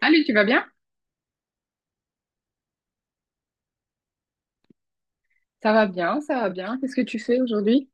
Allez, tu vas bien? Ça va bien, ça va bien. Qu'est-ce que tu fais aujourd'hui?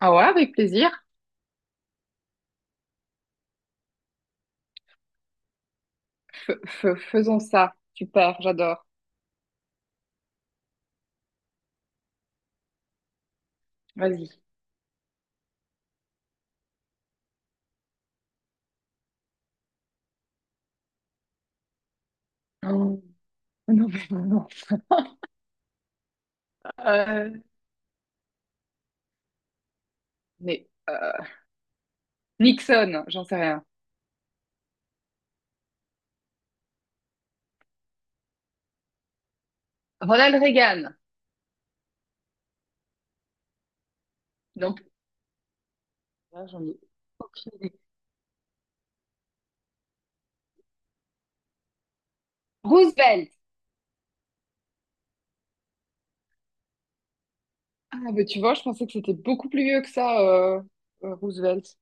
Ah ouais, avec plaisir. Faisons ça. Super, j'adore. Vas-y. Oh, non, mais non. Non. Euh, mais euh, Nixon, j'en sais rien. Ronald Reagan. Non plus. Ah, j'en ai aucune idée. Roosevelt. Ah, mais tu vois, je pensais que c'était beaucoup plus vieux que ça, Roosevelt.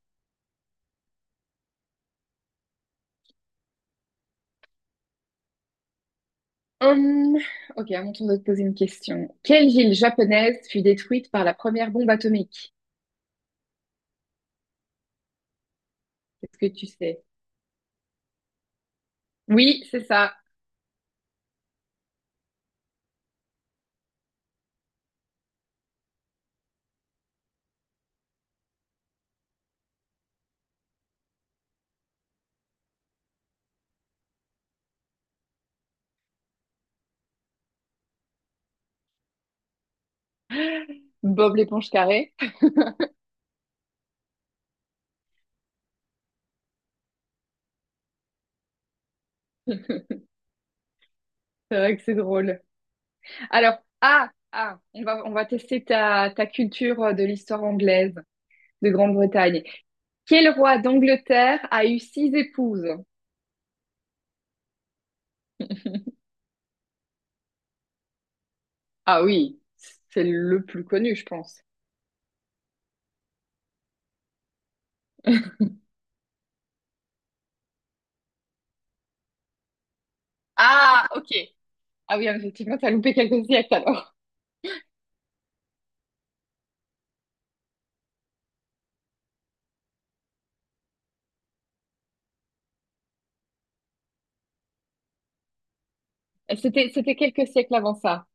Hum, ok, à mon tour de te poser une question. Quelle ville japonaise fut détruite par la première bombe atomique? Qu'est-ce que tu sais? Oui, c'est ça. Bob l'éponge carrée. C'est vrai que c'est drôle. Alors, on va tester ta, ta culture de l'histoire anglaise de Grande-Bretagne. Quel roi d'Angleterre a eu six épouses? Ah oui, c'est le plus connu, je pense. Ah, ok. Ah oui, effectivement, t'as loupé quelques siècles alors. C'était quelques siècles avant ça.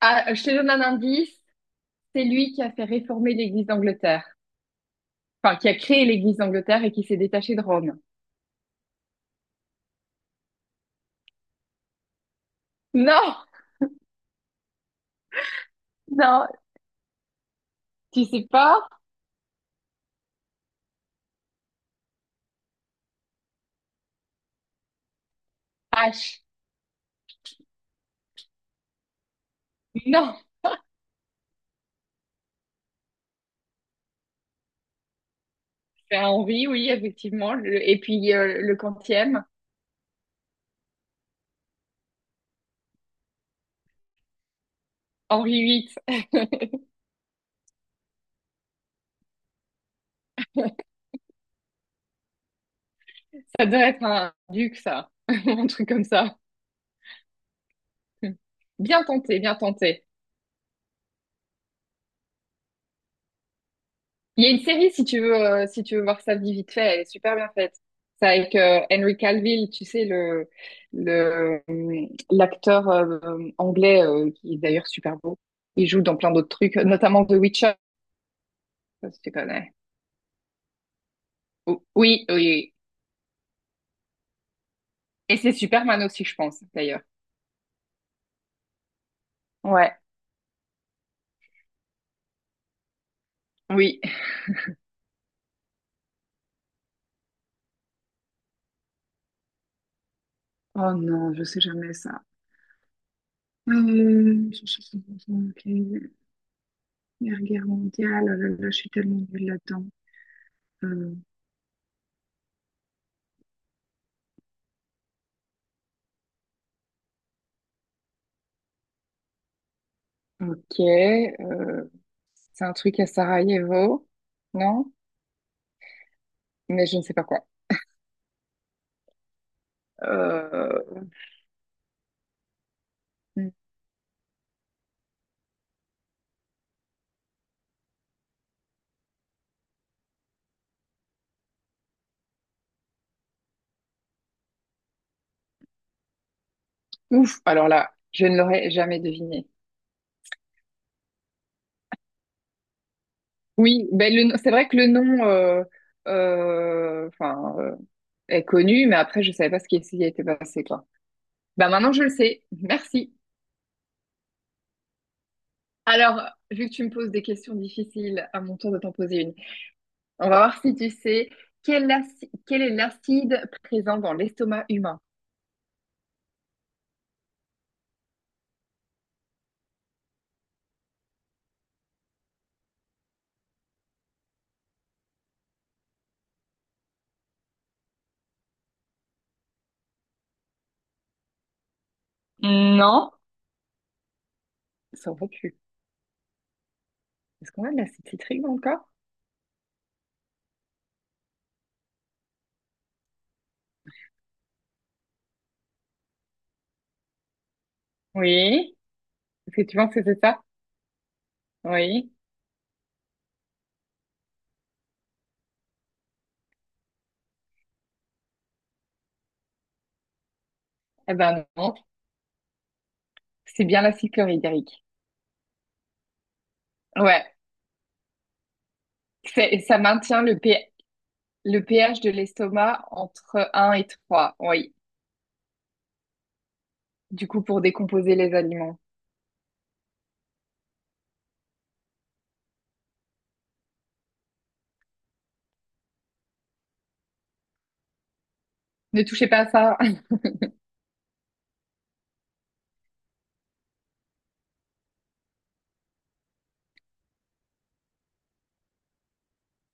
Ah, je te donne un indice. C'est lui qui a fait réformer l'Église d'Angleterre. Enfin, qui a créé l'Église d'Angleterre et qui s'est détaché de Rome. Non, non, tu sais pas? H. Non, c'est Henri, oui, effectivement. Le- et puis le quantième, Henri VIII. Ça doit être un duc, ça, un truc comme ça. Bien tenté, bien tenté. Il y a une série, si tu veux, si tu veux voir ça vite fait, elle est super bien faite. C'est avec Henry Cavill, tu sais, l'acteur anglais, qui est d'ailleurs super beau. Il joue dans plein d'autres trucs, notamment The Witcher, si tu connais. Oui, oui. Oui. Et c'est Superman aussi, je pense, d'ailleurs. Ouais, oui. Oh non, je sais jamais ça. Euh, je- je- je- ok. Première guerre mondiale, oh là là, je suis tellement nulle là-dedans. Euh, Ok, c'est un truc à Sarajevo, non? Mais je ne sais pas quoi. Euh, ouf, alors là, je ne l'aurais jamais deviné. Oui, ben le, c'est vrai que le nom euh, enfin, euh, est connu, mais après, je ne savais pas ce qui s'y était passé, quoi. Ben maintenant, je le sais. Merci. Alors, vu que tu me poses des questions difficiles, à mon tour de t'en poser une. On va voir si tu sais quel est l'acide présent dans l'estomac humain. Non. Ça aurait pu. Est-ce qu'on a de l'acide citrique dans le corps? Oui. Est-ce que tu penses que c'est ça? Oui. Eh ben non, c'est bien l'acide chlorhydrique. Ouais. Ça maintient le pH de l'estomac entre 1 et 3. Oui. Du coup, pour décomposer les aliments. Ne touchez pas à ça.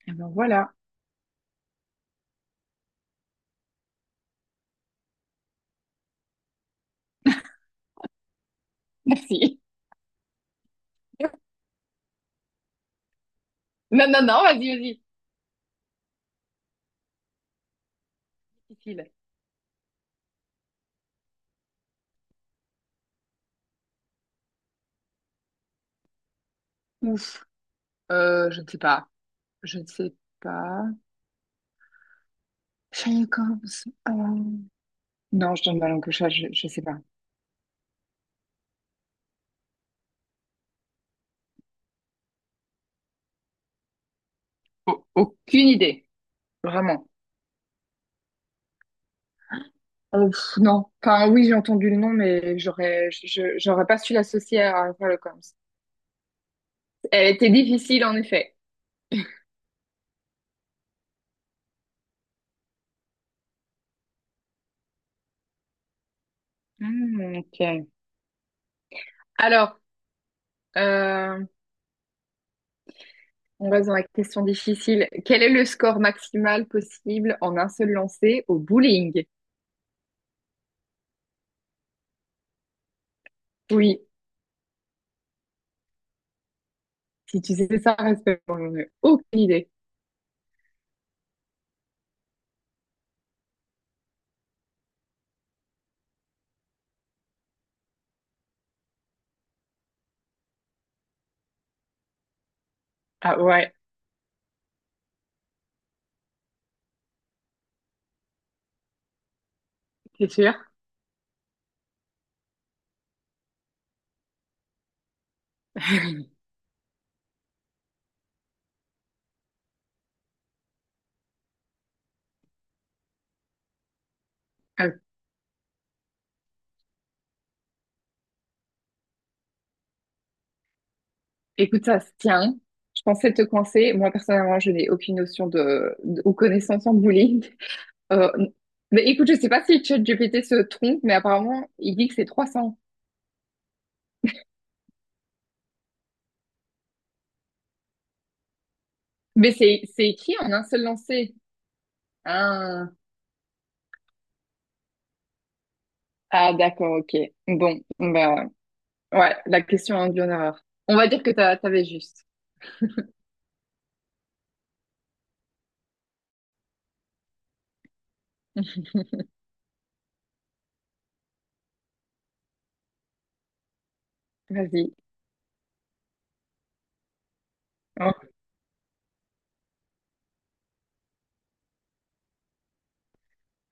Eh ben voilà. Merci. Non, non, non, vas-y, vas-y. Difficile. Ouf. Je ne sais pas. Je ne sais pas. Sherlock Holmes. Euh, non, je donne ma langue au chat, je ne sais pas. Aucune idée. Vraiment. Pff, non. Enfin, oui, j'ai entendu le nom, mais j'aurais pas su l'associer à Sherlock Holmes. Elle était difficile, en effet. Hmm, ok. Alors, euh, on reste dans la question difficile. Quel est le score maximal possible en un seul lancer au bowling? Oui, si tu sais ça, respecte-moi. J'en ai aucune idée. Ah ouais. C'est sûr. Euh, écoute, ça se tient. Je pensais te coincer. Moi, personnellement, je n'ai aucune notion de- ou connaissance en bullying. Euh, mais écoute, je sais pas si ChatGPT se trompe, mais apparemment, il dit que c'est 300. Mais c'est écrit en un seul lancer. Ah, ah d'accord, ok. Bon, bah, ouais, la question a induit en erreur. On va dire que t'avais juste. Vas-y. Hein.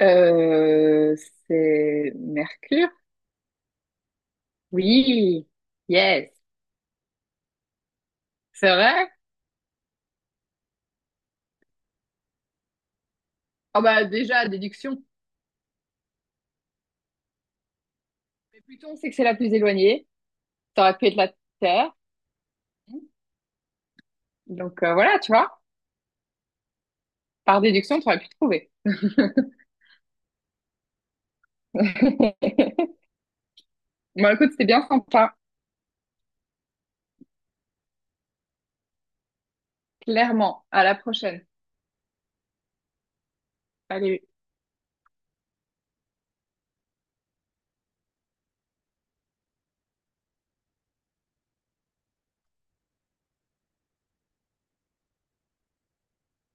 Euh, c'est Mercure? Oui. Yes. C'est vrai? Ah bah déjà, déduction. Mais Pluton, c'est que c'est la plus éloignée. Ça aurait pu être la Terre. Donc voilà, tu vois, par déduction, tu aurais pu trouver. Bon, écoute, c'était bien sympa, clairement. À la prochaine. Allez.